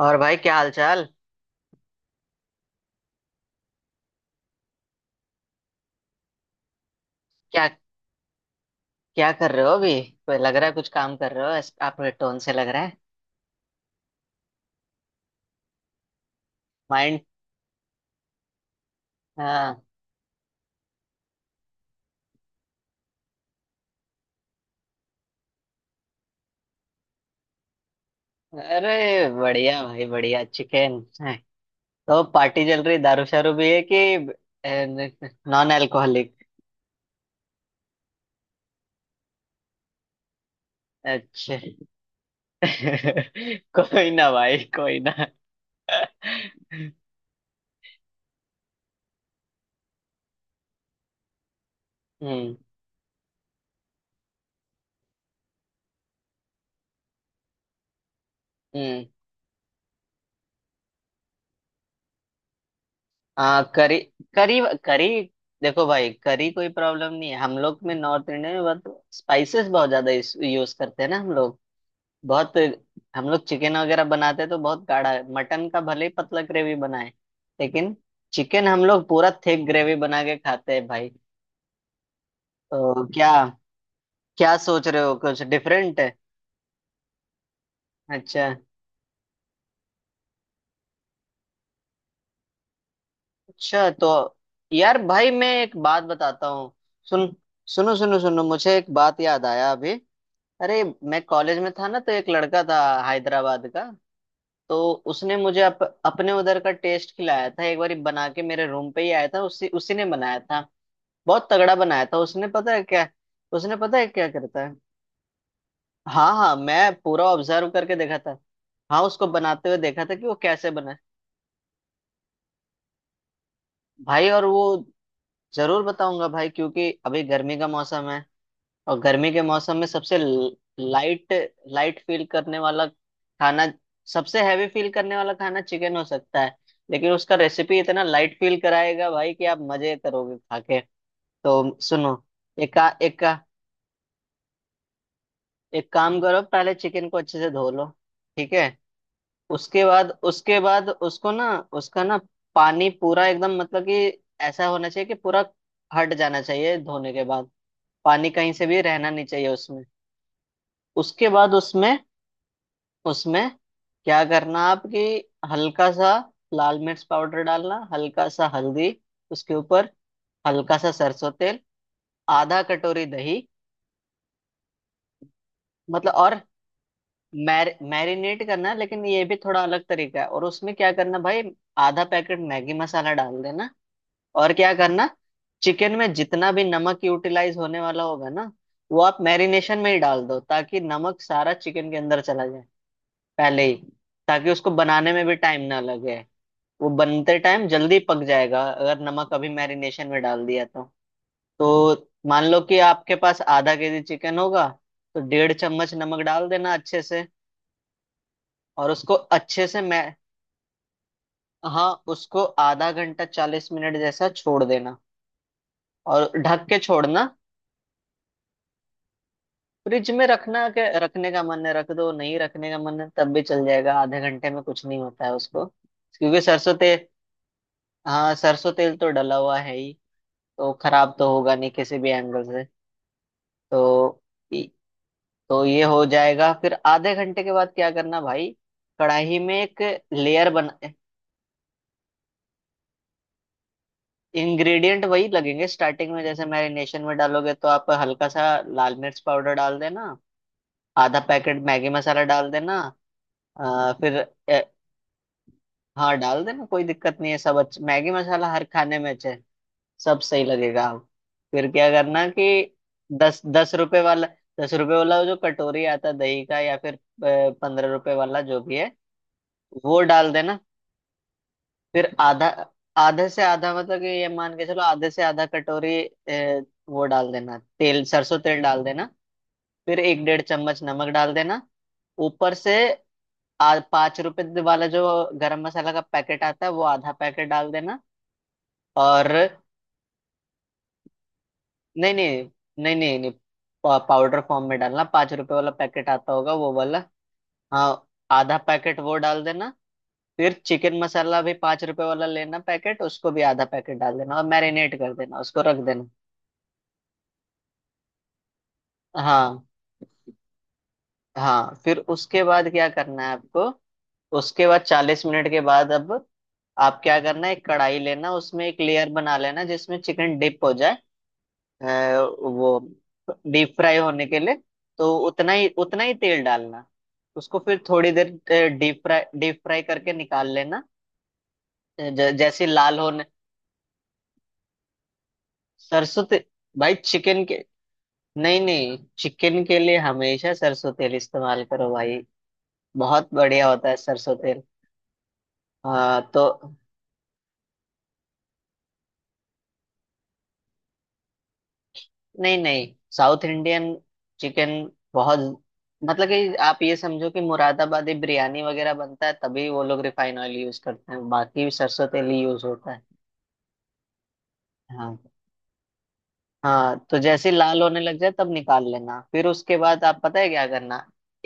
और भाई, क्या हाल चाल? क्या क्या कर रहे हो अभी? कोई लग रहा है कुछ काम कर रहे हो। आपके टोन से लग रहा है। माइंड। हाँ। अरे बढ़िया भाई, बढ़िया चिकन। तो पार्टी चल रही, दारू शारू भी है कि नॉन अल्कोहलिक? अच्छा। कोई ना भाई, कोई ना। हम्म। हम्म। हाँ, करी। करी। करी। देखो भाई, करी कोई प्रॉब्लम नहीं है। हम लोग में, नॉर्थ इंडिया में बहुत स्पाइसेस, बहुत ज्यादा यूज करते हैं ना हम लोग। बहुत। हम लोग चिकन वगैरह बनाते तो बहुत गाढ़ा है। मटन का भले ही पतला ग्रेवी बनाए, लेकिन चिकन हम लोग पूरा थिक ग्रेवी बना के खाते हैं भाई। तो क्या? क्या सोच रहे हो, कुछ डिफरेंट है? अच्छा। अच्छा। तो यार भाई, मैं एक बात बताता हूँ। सुन सुनो, सुनो, सुनो, मुझे एक बात याद आया अभी। अरे, मैं कॉलेज में था ना, तो एक लड़का था हैदराबाद का। तो उसने मुझे अपने उधर का टेस्ट खिलाया था। एक बार बना के मेरे रूम पे ही आया था, उसी उसी ने बनाया था। बहुत तगड़ा बनाया था उसने पता है क्या करता है। हाँ हाँ, मैं पूरा ऑब्जर्व करके देखा था। हाँ, उसको बनाते हुए देखा था कि वो कैसे बना है। भाई, और वो जरूर बताऊंगा भाई, क्योंकि अभी गर्मी का मौसम है। और गर्मी के मौसम में सबसे लाइट, लाइट फील करने वाला खाना, सबसे हैवी फील करने वाला खाना चिकन हो सकता है, लेकिन उसका रेसिपी इतना लाइट फील कराएगा भाई कि आप मजे करोगे खा के। तो सुनो, एक एक एक काम करो, पहले चिकन को अच्छे से धो लो। ठीक है? उसके बाद उसको ना उसका ना पानी पूरा एकदम, मतलब कि ऐसा होना चाहिए कि पूरा हट जाना चाहिए धोने के बाद। पानी कहीं से भी रहना नहीं चाहिए उसमें। उसके बाद उसमें उसमें क्या करना आप कि हल्का सा लाल मिर्च पाउडर डालना, हल्का सा हल्दी उसके ऊपर, हल्का सा सरसों तेल, आधा कटोरी दही। मतलब और मैरिनेट करना है, लेकिन ये भी थोड़ा अलग तरीका है। और उसमें क्या करना भाई, आधा पैकेट मैगी मसाला डाल देना। और क्या करना? चिकन में जितना भी नमक यूटिलाइज होने वाला होगा ना, वो आप मैरिनेशन में ही डाल दो, ताकि नमक सारा चिकन के अंदर चला जाए पहले ही, ताकि उसको बनाने में भी टाइम ना लगे। वो बनते टाइम जल्दी पक जाएगा अगर नमक अभी मैरिनेशन में डाल दिया तो। तो मान लो कि आपके पास आधा केजी चिकन होगा, तो 1.5 चम्मच नमक डाल देना अच्छे से। और उसको अच्छे से मै हाँ, उसको आधा घंटा 40 मिनट जैसा छोड़ देना, और ढक के छोड़ना। फ्रिज में रखना, के रखने का मन है रख दो, नहीं रखने का मन है तब भी चल जाएगा। आधे घंटे में कुछ नहीं होता है उसको, क्योंकि सरसों तेल। हाँ, सरसों तेल तो डला हुआ है ही, तो खराब तो होगा नहीं किसी भी एंगल से। तो इ- तो ये हो जाएगा। फिर आधे घंटे के बाद क्या करना भाई, कढ़ाई में एक लेयर बना। इंग्रेडिएंट वही लगेंगे। स्टार्टिंग में जैसे मैरिनेशन में डालोगे, तो आप हल्का सा लाल मिर्च पाउडर डाल देना, आधा पैकेट मैगी मसाला डाल देना। फिर ए, हाँ, डाल देना, कोई दिक्कत नहीं है। सब अच्छा, मैगी मसाला हर खाने में अच्छा है। सब सही लगेगा आप। फिर क्या करना कि दस दस रुपए वाला वो जो कटोरी आता है दही का, या फिर 15 रुपए वाला, जो भी है, वो डाल देना। फिर आधा, आधे से आधा, मतलब कि ये मान के चलो आधे से आधा कटोरी ए, वो डाल देना। तेल, सरसों तेल डाल देना। फिर 1-1.5 चम्मच नमक डाल देना ऊपर से। आज 5 रुपए वाला जो गरम मसाला का पैकेट आता है, वो आधा पैकेट डाल देना। और नहीं, नहीं, नहीं, नहीं, नहीं, पाउडर फॉर्म में डालना, पाँच रुपए वाला पैकेट आता होगा, वो वाला। हाँ, आधा पैकेट वो डाल देना। फिर चिकन मसाला भी 5 रुपए वाला लेना पैकेट, उसको भी आधा पैकेट डाल देना, और मैरिनेट कर देना, उसको रख देना। हाँ हाँ। फिर उसके बाद क्या करना है आपको? उसके बाद 40 मिनट के बाद अब आप क्या करना है, एक कढ़ाई लेना, उसमें एक लेयर बना लेना जिसमें चिकन डिप हो जाए। अ, वो डीप फ्राई होने के लिए, तो उतना ही, उतना ही तेल डालना। उसको फिर थोड़ी देर डीप फ्राई, डीप फ्राई करके निकाल लेना। जैसे लाल होने। सरसों तेल, भाई चिकन के, नहीं नहीं, चिकन के लिए हमेशा सरसों तेल इस्तेमाल करो भाई। बहुत बढ़िया होता है सरसों तेल। हाँ तो नहीं नहीं, साउथ इंडियन चिकन बहुत, मतलब कि आप ये समझो कि मुरादाबादी बिरयानी वगैरह बनता है तभी वो लोग रिफाइन ऑयल यूज करते हैं, बाकी सरसों तेल ही यूज होता है। हाँ हाँ, तो जैसे ही लाल होने लग जाए तब निकाल लेना। फिर उसके बाद आप पता है क्या करना,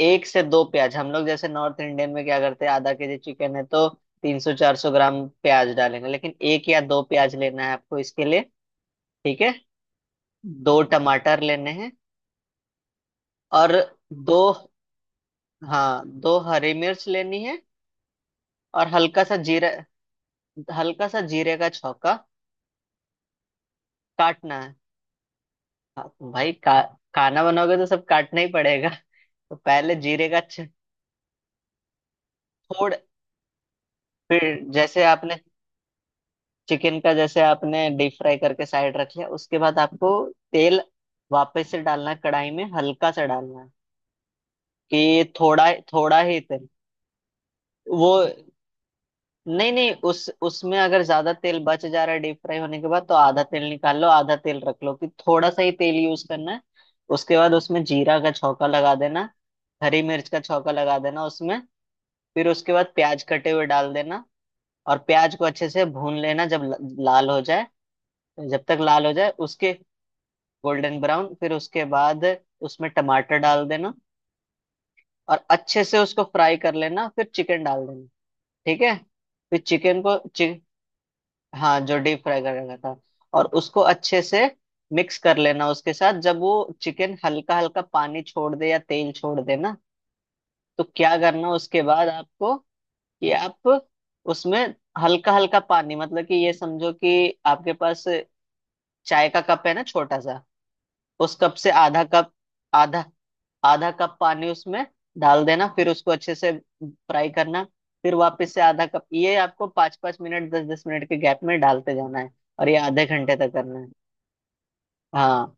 एक से दो प्याज, हम लोग जैसे नॉर्थ इंडियन में क्या करते हैं, आधा केजी चिकन है तो 300-400 ग्राम प्याज डालेंगे, लेकिन एक या दो प्याज लेना है आपको इसके लिए। ठीक है? दो टमाटर लेने हैं, और दो हाँ, दो हरी मिर्च लेनी है, और हल्का सा जीरा, हल्का सा जीरे का छौंका। काटना है। हाँ, खाना बनाओगे तो सब काटना ही पड़ेगा। तो पहले जीरे का थोड़ फिर जैसे आपने चिकन का, जैसे आपने डीप फ्राई करके साइड रख लिया, उसके बाद आपको तेल वापस से डालना है कढ़ाई में, हल्का सा डालना है, कि थोड़ा थोड़ा ही तेल, वो नहीं नहीं, उस उसमें अगर ज्यादा तेल बच जा रहा है डीप फ्राई होने के बाद, तो आधा तेल निकाल लो, आधा तेल रख लो, कि थोड़ा सा ही तेल यूज करना है। उसके बाद उसमें जीरा का छौंका लगा देना, हरी मिर्च का छौंका लगा देना उसमें। फिर उसके बाद प्याज कटे हुए डाल देना, और प्याज को अच्छे से भून लेना, जब लाल हो जाए, जब तक लाल हो जाए, उसके गोल्डन ब्राउन, फिर उसके बाद उसमें टमाटर डाल देना, और अच्छे से उसको फ्राई कर लेना, फिर चिकन डाल देना। ठीक है? फिर चिकन को हाँ, जो डीप फ्राई कर रखा था, और उसको अच्छे से मिक्स कर लेना उसके साथ। जब वो चिकन हल्का हल्का पानी छोड़ दे या तेल छोड़ दे ना, तो क्या करना उसके बाद आपको कि आप उसमें हल्का हल्का पानी, मतलब कि ये समझो कि आपके पास चाय का कप है ना छोटा सा, उस कप से आधा कप, आधा, आधा कप पानी उसमें डाल देना, फिर उसको अच्छे से फ्राई करना, फिर वापस से आधा कप। ये आपको 5-5 मिनट, 10-10 मिनट के गैप में डालते जाना है, और ये आधे घंटे तक करना है। हाँ,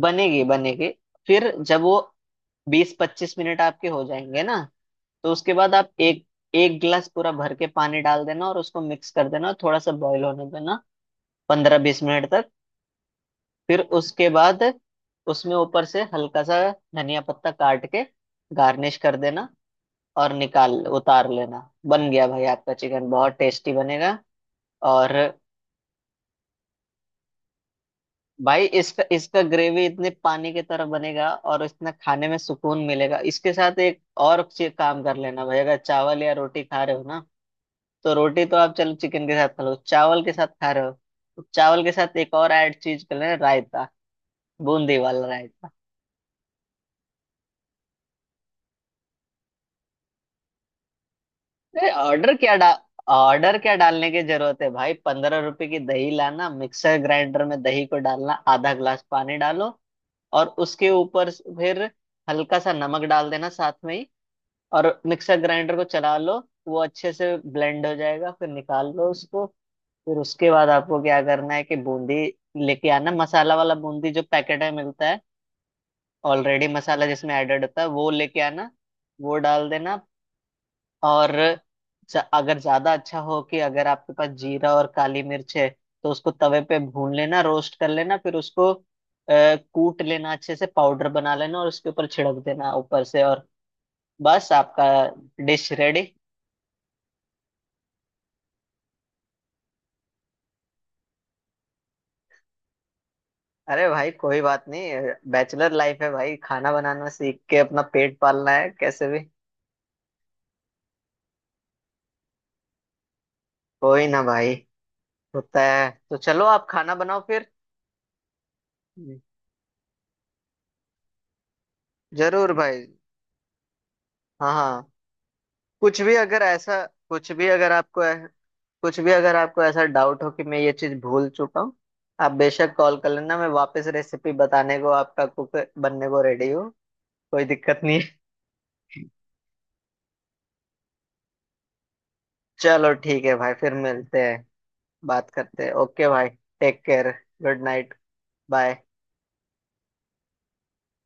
बनेगी, बनेगी। फिर जब वो 20-25 मिनट आपके हो जाएंगे ना, तो उसके बाद आप एक, एक गिलास पूरा भर के पानी डाल देना, और उसको मिक्स कर देना, और थोड़ा सा बॉईल होने देना 15-20 मिनट तक। फिर उसके बाद उसमें ऊपर से हल्का सा धनिया पत्ता काट के गार्निश कर देना, और निकाल उतार लेना। बन गया भाई, आपका चिकन बहुत टेस्टी बनेगा। और भाई, इसका इसका ग्रेवी इतने पानी की तरह बनेगा, और इतना खाने में सुकून मिलेगा। इसके साथ एक और काम कर लेना भाई, अगर चावल या रोटी खा रहे हो ना, तो रोटी तो आप चलो चिकन के साथ खा लो, चावल के साथ खा रहे हो, तो चावल के साथ एक और ऐड चीज कर लेना, रायता। बूंदी वाला रायता। अरे ऑर्डर क्या डालने की जरूरत है भाई। 15 रुपए की दही लाना, मिक्सर ग्राइंडर में दही को डालना, आधा ग्लास पानी डालो, और उसके ऊपर फिर हल्का सा नमक डाल देना साथ में ही, और मिक्सर ग्राइंडर को चला लो। वो अच्छे से ब्लेंड हो जाएगा, फिर निकाल लो उसको। फिर उसके बाद आपको क्या करना है कि बूंदी लेके आना, मसाला वाला बूंदी जो पैकेट में मिलता है, ऑलरेडी मसाला जिसमें एडेड होता है, वो लेके आना। वो डाल देना। और अगर ज्यादा अच्छा हो कि अगर आपके पास जीरा और काली मिर्च है, तो उसको तवे पे भून लेना, रोस्ट कर लेना, फिर उसको कूट लेना, अच्छे से पाउडर बना लेना और उसके ऊपर छिड़क देना ऊपर से। और बस आपका डिश रेडी। अरे भाई, कोई बात नहीं। बैचलर लाइफ है भाई, खाना बनाना सीख के अपना पेट पालना है कैसे भी। कोई ना भाई, होता है। तो चलो आप खाना बनाओ फिर। हम्म। जरूर भाई। हाँ हाँ। कुछ भी अगर ऐसा कुछ भी अगर आपको कुछ भी अगर आपको ऐसा डाउट हो कि मैं ये चीज भूल चुका हूँ, आप बेशक कॉल कर लेना। मैं वापस रेसिपी बताने को, आपका कुक बनने को रेडी हूँ। कोई दिक्कत नहीं है। चलो ठीक है भाई, फिर मिलते हैं। बात करते हैं। ओके भाई, take care, good night, bye.